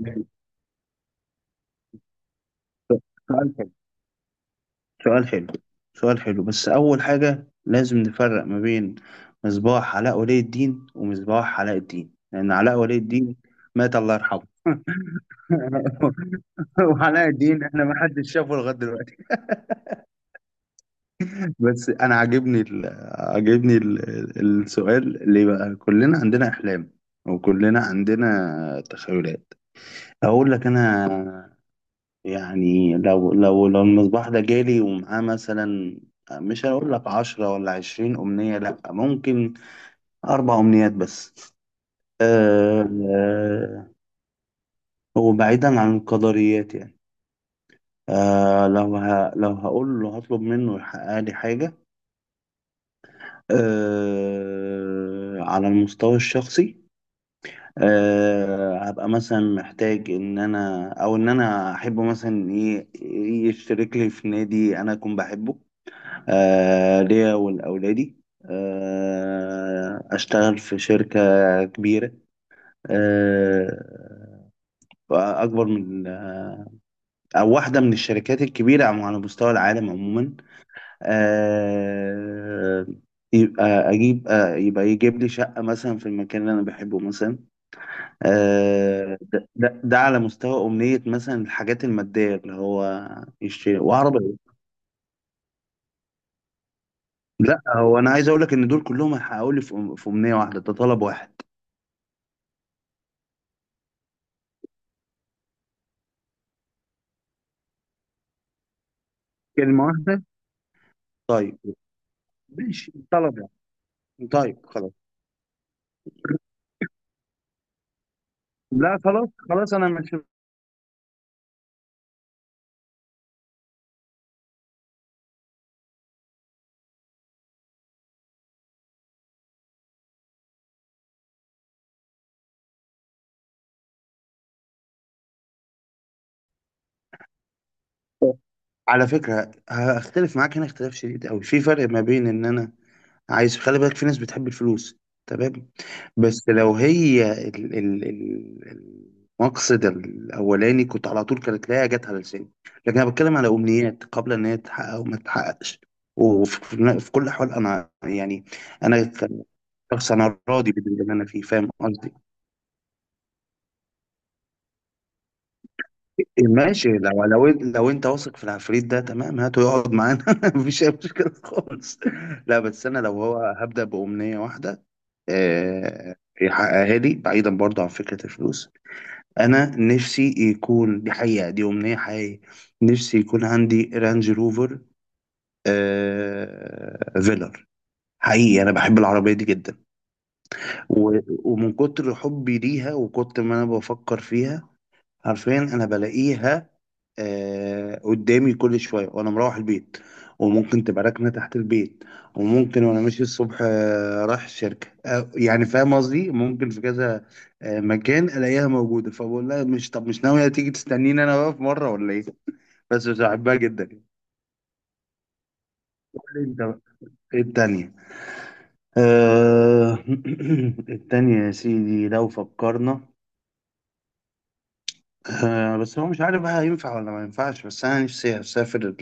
ماشي. سؤال حلو، سؤال حلو، سؤال حلو، بس أول حاجة لازم نفرق ما بين مصباح علاء ولي الدين ومصباح علاء الدين، لأن علاء ولي الدين مات الله يرحمه. وعلاء الدين احنا ما حدش شافه لغاية دلوقتي. بس أنا عاجبني السؤال. ليه بقى كلنا عندنا أحلام وكلنا عندنا تخيلات؟ أقول لك أنا، يعني لو المصباح ده جالي ومعاه مثلا، مش هقول لك 10 ولا 20 أمنية، لأ ممكن أربع أمنيات بس. أه آه، وبعيدا عن القدريات يعني، أه لو ه لو هقول له هطلب منه يحقق لي حاجة، على المستوى الشخصي، هبقى مثلا محتاج إن أنا، أو إن أنا أحبه مثلا يشترك لي في نادي أنا أكون بحبه، آه ليا ولأولادي. أشتغل في شركة كبيرة، آه أكبر من آه، أو واحدة من الشركات الكبيرة على مستوى العالم عموما. آه يبقى أجيب، يبقى يجيب لي شقة مثلا في المكان اللي أنا بحبه مثلا. ده على مستوى أمنية، مثلا الحاجات المادية اللي هو يشتري وعربية. لا، هو أنا عايز أقول لك إن دول كلهم هيحققوا لي في أمنية واحدة، ده طلب واحد، كلمة واحدة. طيب ماشي طلب، يعني طيب خلاص. لا خلاص خلاص أنا مش... على فكرة هختلف معاك هنا اختلاف شديد أوي، في فرق ما بين إن أنا عايز، خلي بالك في ناس بتحب الفلوس، تمام. بس لو هي المقصد الأولاني كنت على طول كانت تلاقيها جت على لساني، لكن أنا بتكلم على أمنيات قبل إن هي تتحقق وما تتحققش، وفي كل الأحوال أنا يعني، أنا كشخص أنا راضي باللي أنا فيه، فاهم قصدي. إيه ماشي، لو لو انت واثق في العفريت ده تمام، هاته يقعد معانا. مفيش اي مشكله خالص. لا بس انا لو هو هبدا بامنيه واحده، آه، يحققها لي بعيدا برضه عن فكره الفلوس. انا نفسي يكون دي حقيقه، دي امنيه حقيقيه. نفسي يكون عندي رانج روفر، آه، فيلر. حقيقي انا بحب العربيه دي جدا. و- ومن كتر حبي ليها وكتر ما انا بفكر فيها، عارفين انا بلاقيها آه قدامي كل شوية وأنا مروح البيت، وممكن تبقى راكنة تحت البيت، وممكن وأنا ماشي الصبح رايح الشركة، آه يعني فاهم قصدي، ممكن في كذا آه مكان ألاقيها موجودة. فبقول لها، مش طب مش ناوية تيجي تستنيني أنا بقى في مرة ولا إيه؟ بس بحبها جدا. قول لي أنت بقى إيه التانية. آه التانية يا سيدي، لو فكرنا، آه بس هو مش عارف بقى هينفع ولا ما ينفعش، بس أنا نفسي أسافر ال-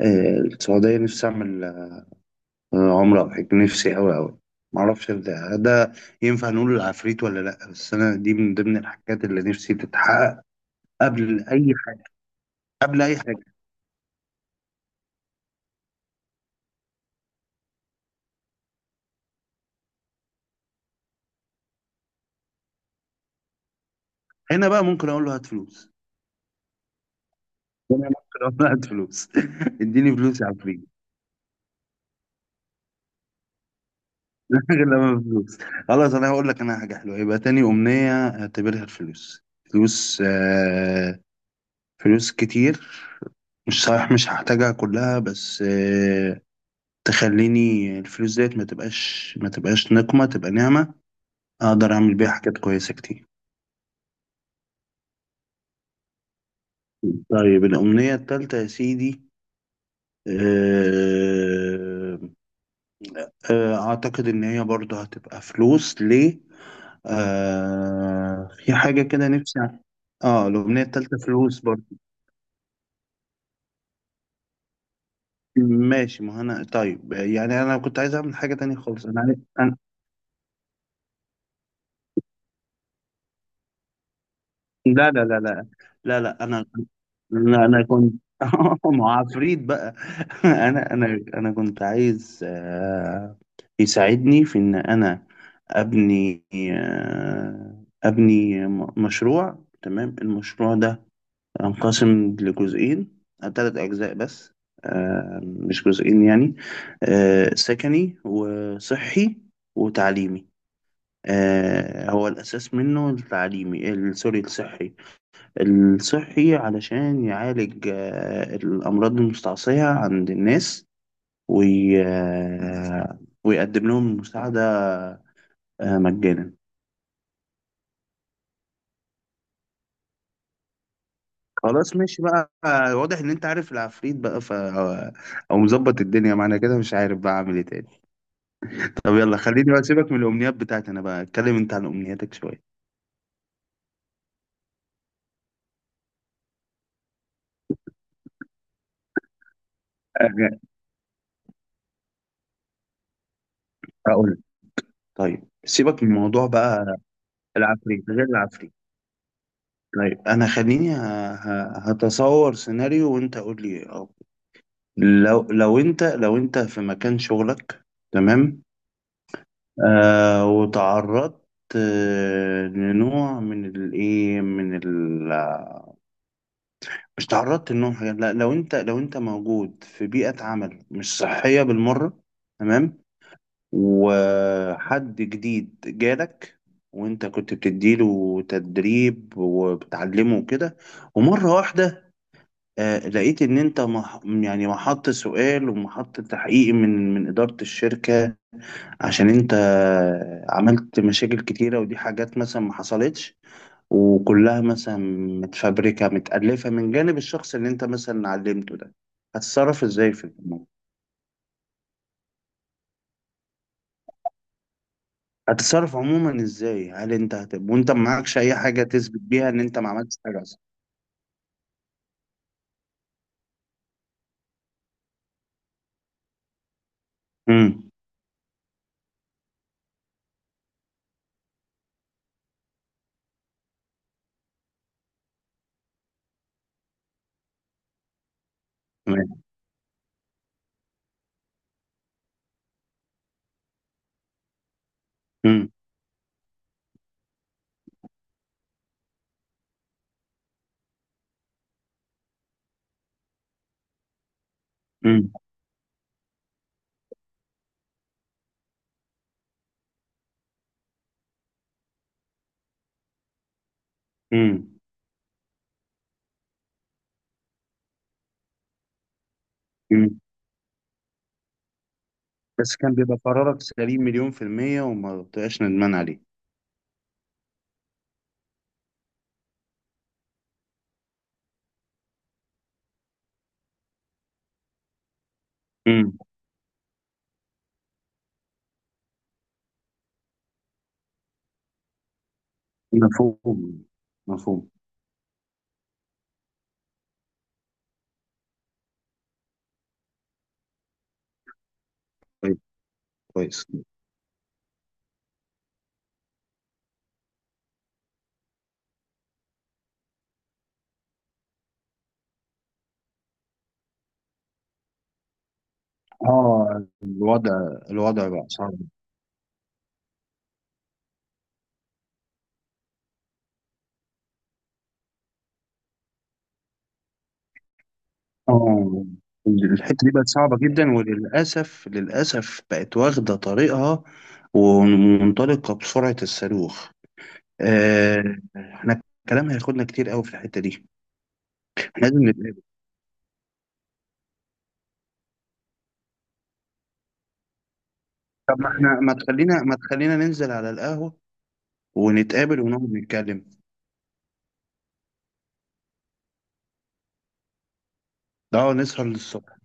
آه، السعودية، نفسي أعمل عمرو أبو حكيم، نفسي أوي أوي. معرفش ده ده ينفع نقول العفريت ولا لأ، بس أنا دي من ضمن الحاجات اللي نفسي تتحقق قبل أي حاجة، قبل أي حاجة. هنا بقى ممكن أقول له هات فلوس. هنا ممكن أقول له هات فلوس. اديني فلوس يا عفريت. غير لما فلوس. خلاص أنا هقول لك أنا حاجة حلوة، يبقى تاني أمنية أعتبرها الفلوس. فلوس، فلوس كتير، مش صحيح مش هحتاجها كلها، بس آه تخليني الفلوس ديت ما تبقاش، ما تبقاش نقمة، تبقى نعمة. اقدر اعمل بيها حاجات كويسه كتير. طيب الامنيه التالتة يا سيدي، آه، آه، اعتقد ان هي برضه هتبقى فلوس. ليه؟ آه، في حاجه كده نفسي اه الامنيه التالتة فلوس برضه. ماشي ما انا طيب، يعني انا كنت عايز اعمل حاجه تانية خالص، انا عايز أنا... لا لا لا لا. لا لا انا، انا كنت مع عفريت بقى. انا كنت عايز آه، يساعدني في ان انا ابني، آه، ابني مشروع. تمام المشروع ده انقسم لجزئين، ثلاث اجزاء بس، آه، مش جزئين يعني. آه، سكني وصحي وتعليمي. آه، هو الاساس منه التعليمي ال- سوري الصحي. الصحي علشان يعالج آه، الأمراض المستعصية عند الناس، وي... آه، ويقدم لهم مساعدة آه، مجانا. خلاص ماشي بقى، آه، واضح إن أنت عارف العفريت بقى أو أو مظبط الدنيا معانا كده، مش عارف بقى أعمل إيه تاني. طب يلا خليني بقى سيبك من الأمنيات بتاعتي أنا، بقى اتكلم أنت عن أمنياتك شوية. أه، أقول لك. طيب سيبك من موضوع بقى العفريت، غير العفريت. طيب أنا خليني هتصور سيناريو وأنت قول لي. لو لو انت في مكان شغلك، تمام، آه وتعرضت آه لنوع من الايه، من ال... مش تعرضت لنوع من حاجة، لا لو انت موجود في بيئة عمل مش صحية بالمرة، تمام. وحد جديد جالك وانت كنت بتديله تدريب وبتعلمه وكده، ومرة واحدة آه لقيت ان انت يعني محط سؤال ومحط تحقيق من إدارة الشركة، عشان انت عملت مشاكل كتيرة ودي حاجات مثلا ما حصلتش، وكلها مثلا متفبركة متألفة من جانب الشخص اللي انت مثلا علمته ده. هتتصرف ازاي في الموضوع؟ هتتصرف عموما ازاي؟ هل انت وانت ما معكش اي حاجة تثبت بيها ان انت ما عملتش حاجة اصلا؟ امم. تمام. امم. امم. امم. امم. بس كان بيبقى قرارك سليم مليون في المية، وما بتبقاش ندمان عليه. امم. مفهوم. مفهوم. طيب كويس. اه الوضع، الوضع بقى صعب. اه الحتة دي بقت صعبة جدا، وللأسف للأسف بقت واخدة طريقها ومنطلقة بسرعة الصاروخ. آه احنا الكلام هياخدنا كتير قوي في الحتة دي. احنا لازم نتقابل. طب ما احنا، ما تخلينا ما تخلينا ننزل على القهوة، ونتقابل ونقعد نتكلم. ده نسهر للصبح.